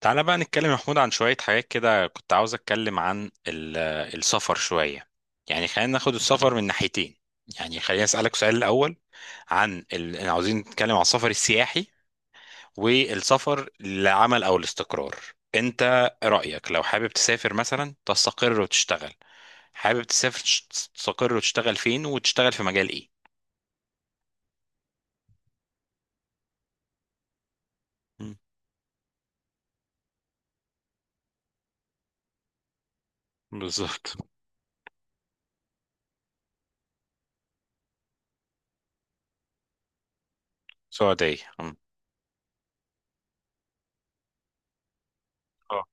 تعالى بقى نتكلم يا محمود عن شوية حاجات كده. كنت عاوز أتكلم عن السفر شوية. يعني خلينا ناخد السفر من ناحيتين. يعني خلينا أسألك سؤال الأول عن إحنا عاوزين نتكلم عن السفر السياحي والسفر للعمل أو الاستقرار. أنت رأيك لو حابب تسافر مثلا تستقر وتشتغل، حابب تسافر تستقر وتشتغل فين، وتشتغل في مجال إيه؟ مم. بالظبط. سعودية أم. اه.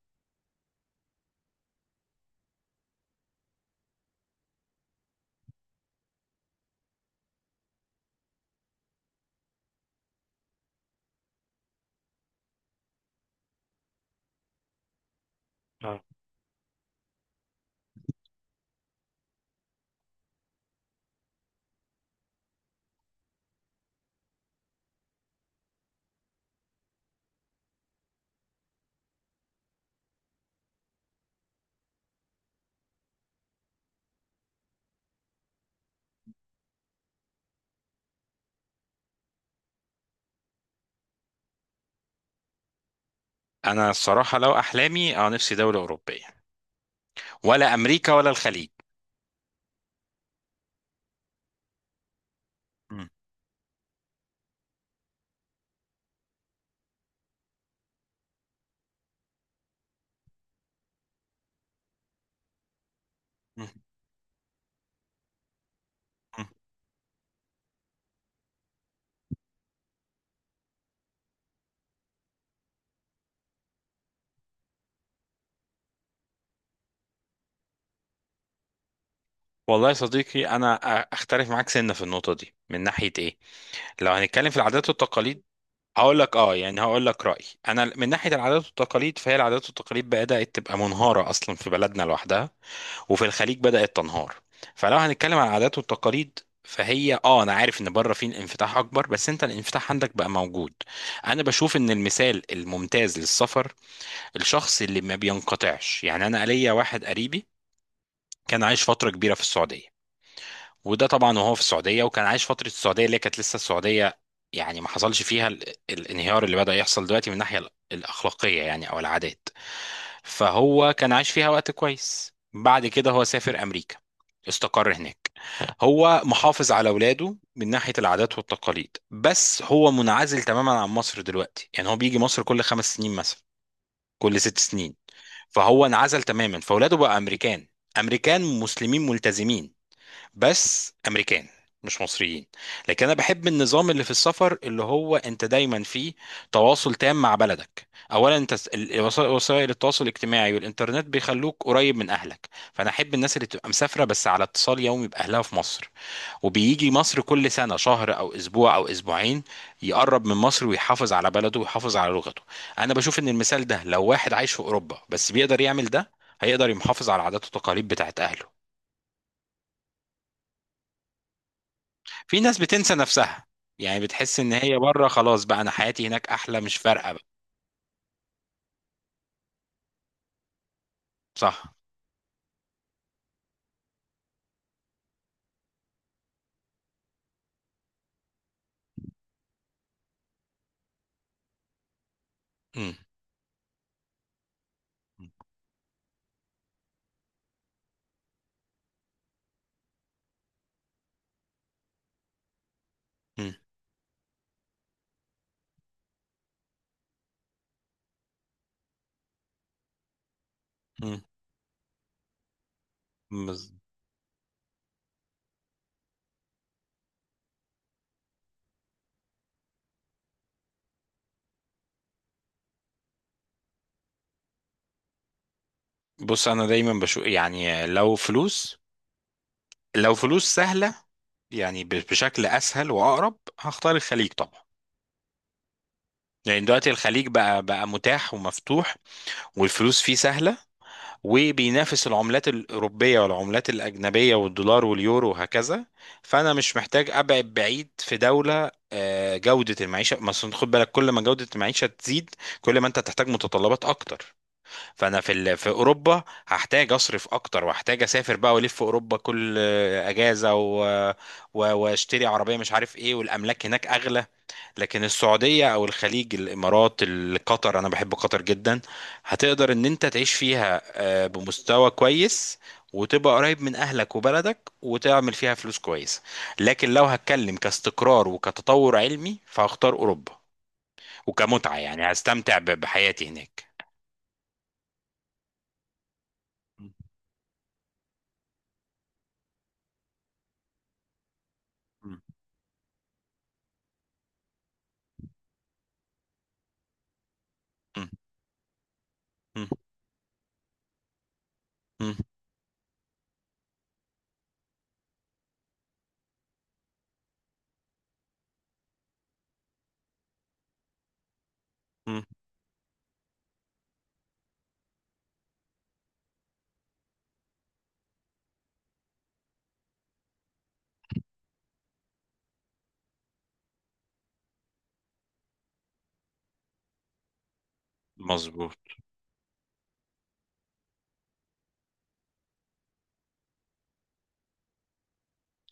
اه. أنا الصراحة لو أحلامي نفسي دولة أوروبية، ولا أمريكا، ولا الخليج. مم. مم. مم. والله يا صديقي، انا اختلف معاك سنه في النقطه دي من ناحيه ايه. لو هنتكلم في العادات والتقاليد، هقول لك يعني هقول لك رايي، انا من ناحيه العادات والتقاليد فهي العادات والتقاليد بدات تبقى منهاره اصلا في بلدنا لوحدها. وفي الخليج بدات تنهار. فلو هنتكلم عن العادات والتقاليد، فهي انا عارف ان بره في انفتاح اكبر، بس انت الانفتاح عندك بقى موجود. انا بشوف ان المثال الممتاز للسفر الشخص اللي ما بينقطعش. يعني انا ليا واحد قريبي كان عايش فتره كبيره في السعوديه. وده طبعا، وهو في السعوديه، وكان عايش فتره السعوديه اللي هي كانت لسه السعوديه، يعني ما حصلش فيها الانهيار اللي بدأ يحصل دلوقتي من الناحيه الاخلاقيه، يعني او العادات. فهو كان عايش فيها وقت كويس. بعد كده هو سافر امريكا، استقر هناك. هو محافظ على اولاده من ناحيه العادات والتقاليد، بس هو منعزل تماما عن مصر دلوقتي. يعني هو بيجي مصر كل خمس سنين مثلا، كل ست سنين. فهو انعزل تماما، فاولاده بقى امريكان. امريكان مسلمين ملتزمين، بس امريكان، مش مصريين. لكن انا بحب النظام اللي في السفر اللي هو انت دايما فيه تواصل تام مع بلدك. اولا، انت وسائل التواصل الاجتماعي والانترنت بيخلوك قريب من اهلك. فانا احب الناس اللي تبقى مسافره بس على اتصال يومي باهلها في مصر، وبيجي مصر كل سنه شهر او اسبوع او اسبوعين، يقرب من مصر ويحافظ على بلده ويحافظ على لغته. انا بشوف ان المثال ده، لو واحد عايش في اوروبا بس بيقدر يعمل ده، هيقدر يحافظ على عادات وتقاليد بتاعت اهله. في ناس بتنسى نفسها، يعني بتحس ان هي بره خلاص، بقى انا حياتي هناك احلى مش فارقه بقى. صح. مم. مم. مم. بز- بص انا دايما بشوف، يعني لو فلوس، لو فلوس سهله، يعني بشكل اسهل واقرب هختار الخليج طبعا. يعني دلوقتي الخليج بقى متاح ومفتوح، والفلوس فيه سهله، وبينافس العملات الأوروبية والعملات الأجنبية والدولار واليورو وهكذا. فأنا مش محتاج أبعد بعيد في دولة. جودة المعيشة مثلا، خد بالك كل ما جودة المعيشة تزيد، كل ما أنت تحتاج متطلبات أكتر. فأنا في أوروبا هحتاج أصرف أكتر، وهحتاج أسافر بقى وألف في أوروبا كل أجازة، وأشتري عربية مش عارف إيه، والأملاك هناك أغلى. لكن السعودية أو الخليج، الإمارات، قطر، أنا بحب قطر جدا. هتقدر إن أنت تعيش فيها بمستوى كويس، وتبقى قريب من أهلك وبلدك وتعمل فيها فلوس كويسة. لكن لو هتكلم كاستقرار وكتطور علمي فهختار أوروبا، وكمتعة يعني هستمتع بحياتي هناك. م-. م-. م-. م-. م-. م. مظبوط.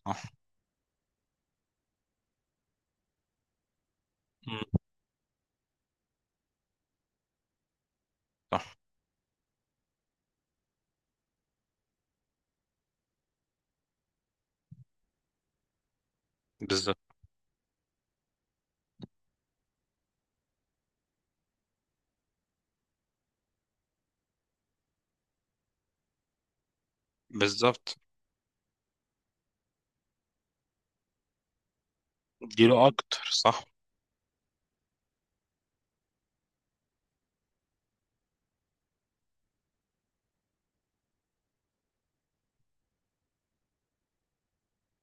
صح. م-. صح. بالظبط. بالظبط. اديله أكتر، صح.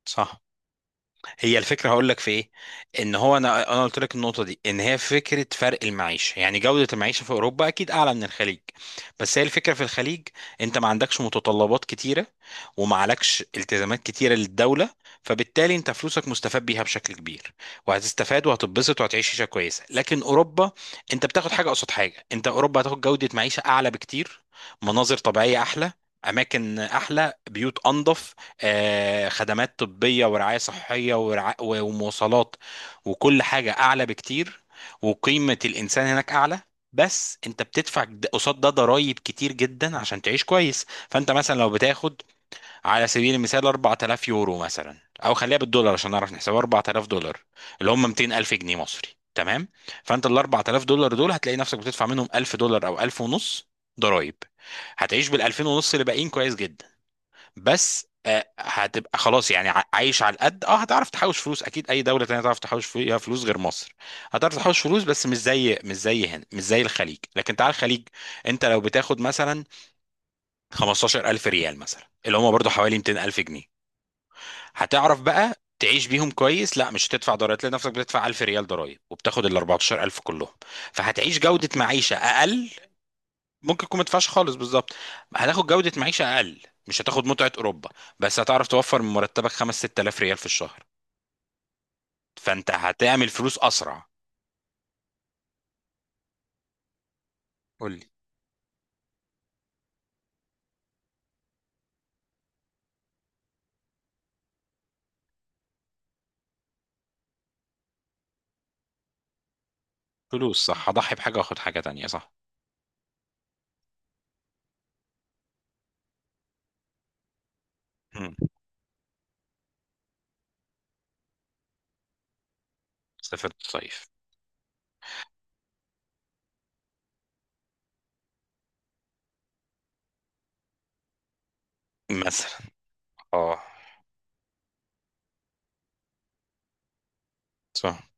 صح. هي الفكره هقول لك في ايه، ان هو انا قلت لك النقطه دي، ان هي فكره فرق المعيشه يعني جوده المعيشه في اوروبا اكيد اعلى من الخليج. بس هي الفكره في الخليج، انت ما عندكش متطلبات كتيره، وما عليكش التزامات كتيره للدوله، فبالتالي انت فلوسك مستفاد بيها بشكل كبير، وهتستفاد وهتتبسط وهتعيش عيشه كويسه. لكن اوروبا، انت بتاخد حاجه قصاد حاجه، انت اوروبا هتاخد جوده معيشه اعلى بكتير، مناظر طبيعيه احلى، اماكن احلى، بيوت انظف، خدمات طبية، ورعاية صحية ومواصلات، وكل حاجة أعلى بكتير، وقيمة الإنسان هناك أعلى. بس أنت بتدفع قصاد ده ضرايب كتير جدا عشان تعيش كويس. فأنت مثلا لو بتاخد على سبيل المثال 4000 يورو مثلا، أو خليها بالدولار عشان نعرف نحسبها $4000، اللي هم 200 ألف جنيه مصري. تمام. فأنت ال $4000 دول هتلاقي نفسك بتدفع منهم $1000 أو 1000 ونص ضرايب. هتعيش بال 2000 ونص اللي باقيين كويس جدا. بس هتبقى خلاص، يعني عايش على القد. اه هتعرف تحوش فلوس اكيد، اي دوله تانية تعرف تحوش فيها فلوس غير مصر. هتعرف تحوش فلوس بس مش زي هنا، مش زي الخليج. لكن تعال الخليج، انت لو بتاخد مثلا 15000 ريال مثلا، اللي هم برضو حوالي 200000 جنيه. هتعرف بقى تعيش بيهم كويس. لا مش هتدفع ضرائب، لنفسك بتدفع 1000 ريال ضرائب، وبتاخد ال 14000 كلهم. فهتعيش جوده معيشه اقل. ممكن يكون مدفعش خالص، بالظبط. هتاخد جودة معيشة أقل. مش هتاخد متعة أوروبا. بس هتعرف توفر من مرتبك 5 6000 ريال في الشهر. فأنت هتعمل فلوس أسرع. قول لي. فلوس صح، هضحي بحاجة وآخد حاجة تانية، صح. مم. سافرت صيف مثلا. اه. صح.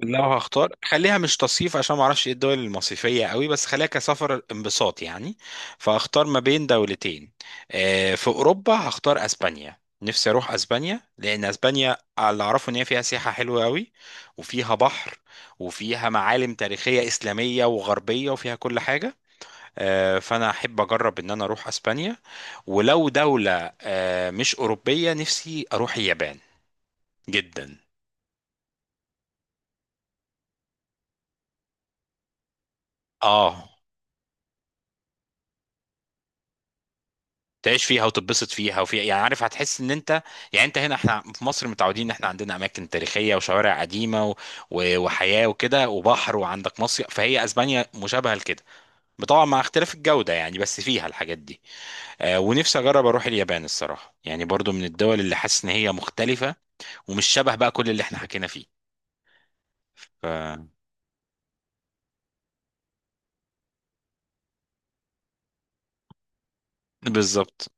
لو هختار خليها مش تصيف عشان ما اعرفش ايه الدول المصيفيه قوي، بس خليها كسفر انبساط يعني. فهختار ما بين دولتين. في اوروبا هختار اسبانيا. نفسي اروح اسبانيا لان اسبانيا، على اللي اعرفه، ان هي فيها سياحه حلوه قوي، وفيها بحر، وفيها معالم تاريخيه اسلاميه وغربيه وفيها كل حاجه. فانا احب اجرب ان انا اروح اسبانيا. ولو دوله مش اوروبيه، نفسي اروح اليابان جدا. اه. تعيش فيها وتتبسط فيها وفي، يعني عارف هتحس ان انت، يعني انت هنا احنا في مصر متعودين ان احنا عندنا اماكن تاريخيه وشوارع قديمه وحياه وكده وبحر وعندك مصيف. فهي اسبانيا مشابهه لكده، طبعا مع اختلاف الجوده يعني، بس فيها الحاجات دي. ونفسي اجرب اروح اليابان الصراحه، يعني برضو من الدول اللي حاسس ان هي مختلفه، ومش شبه بقى كل اللي احنا حكينا فيه. ف... بالظبط.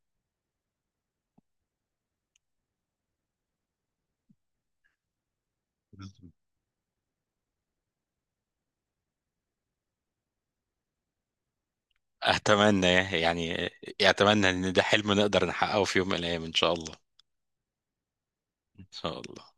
اتمنى يعني. اتمنى ان ده حلم نقدر نحققه في يوم من الايام ان شاء الله. ان شاء الله.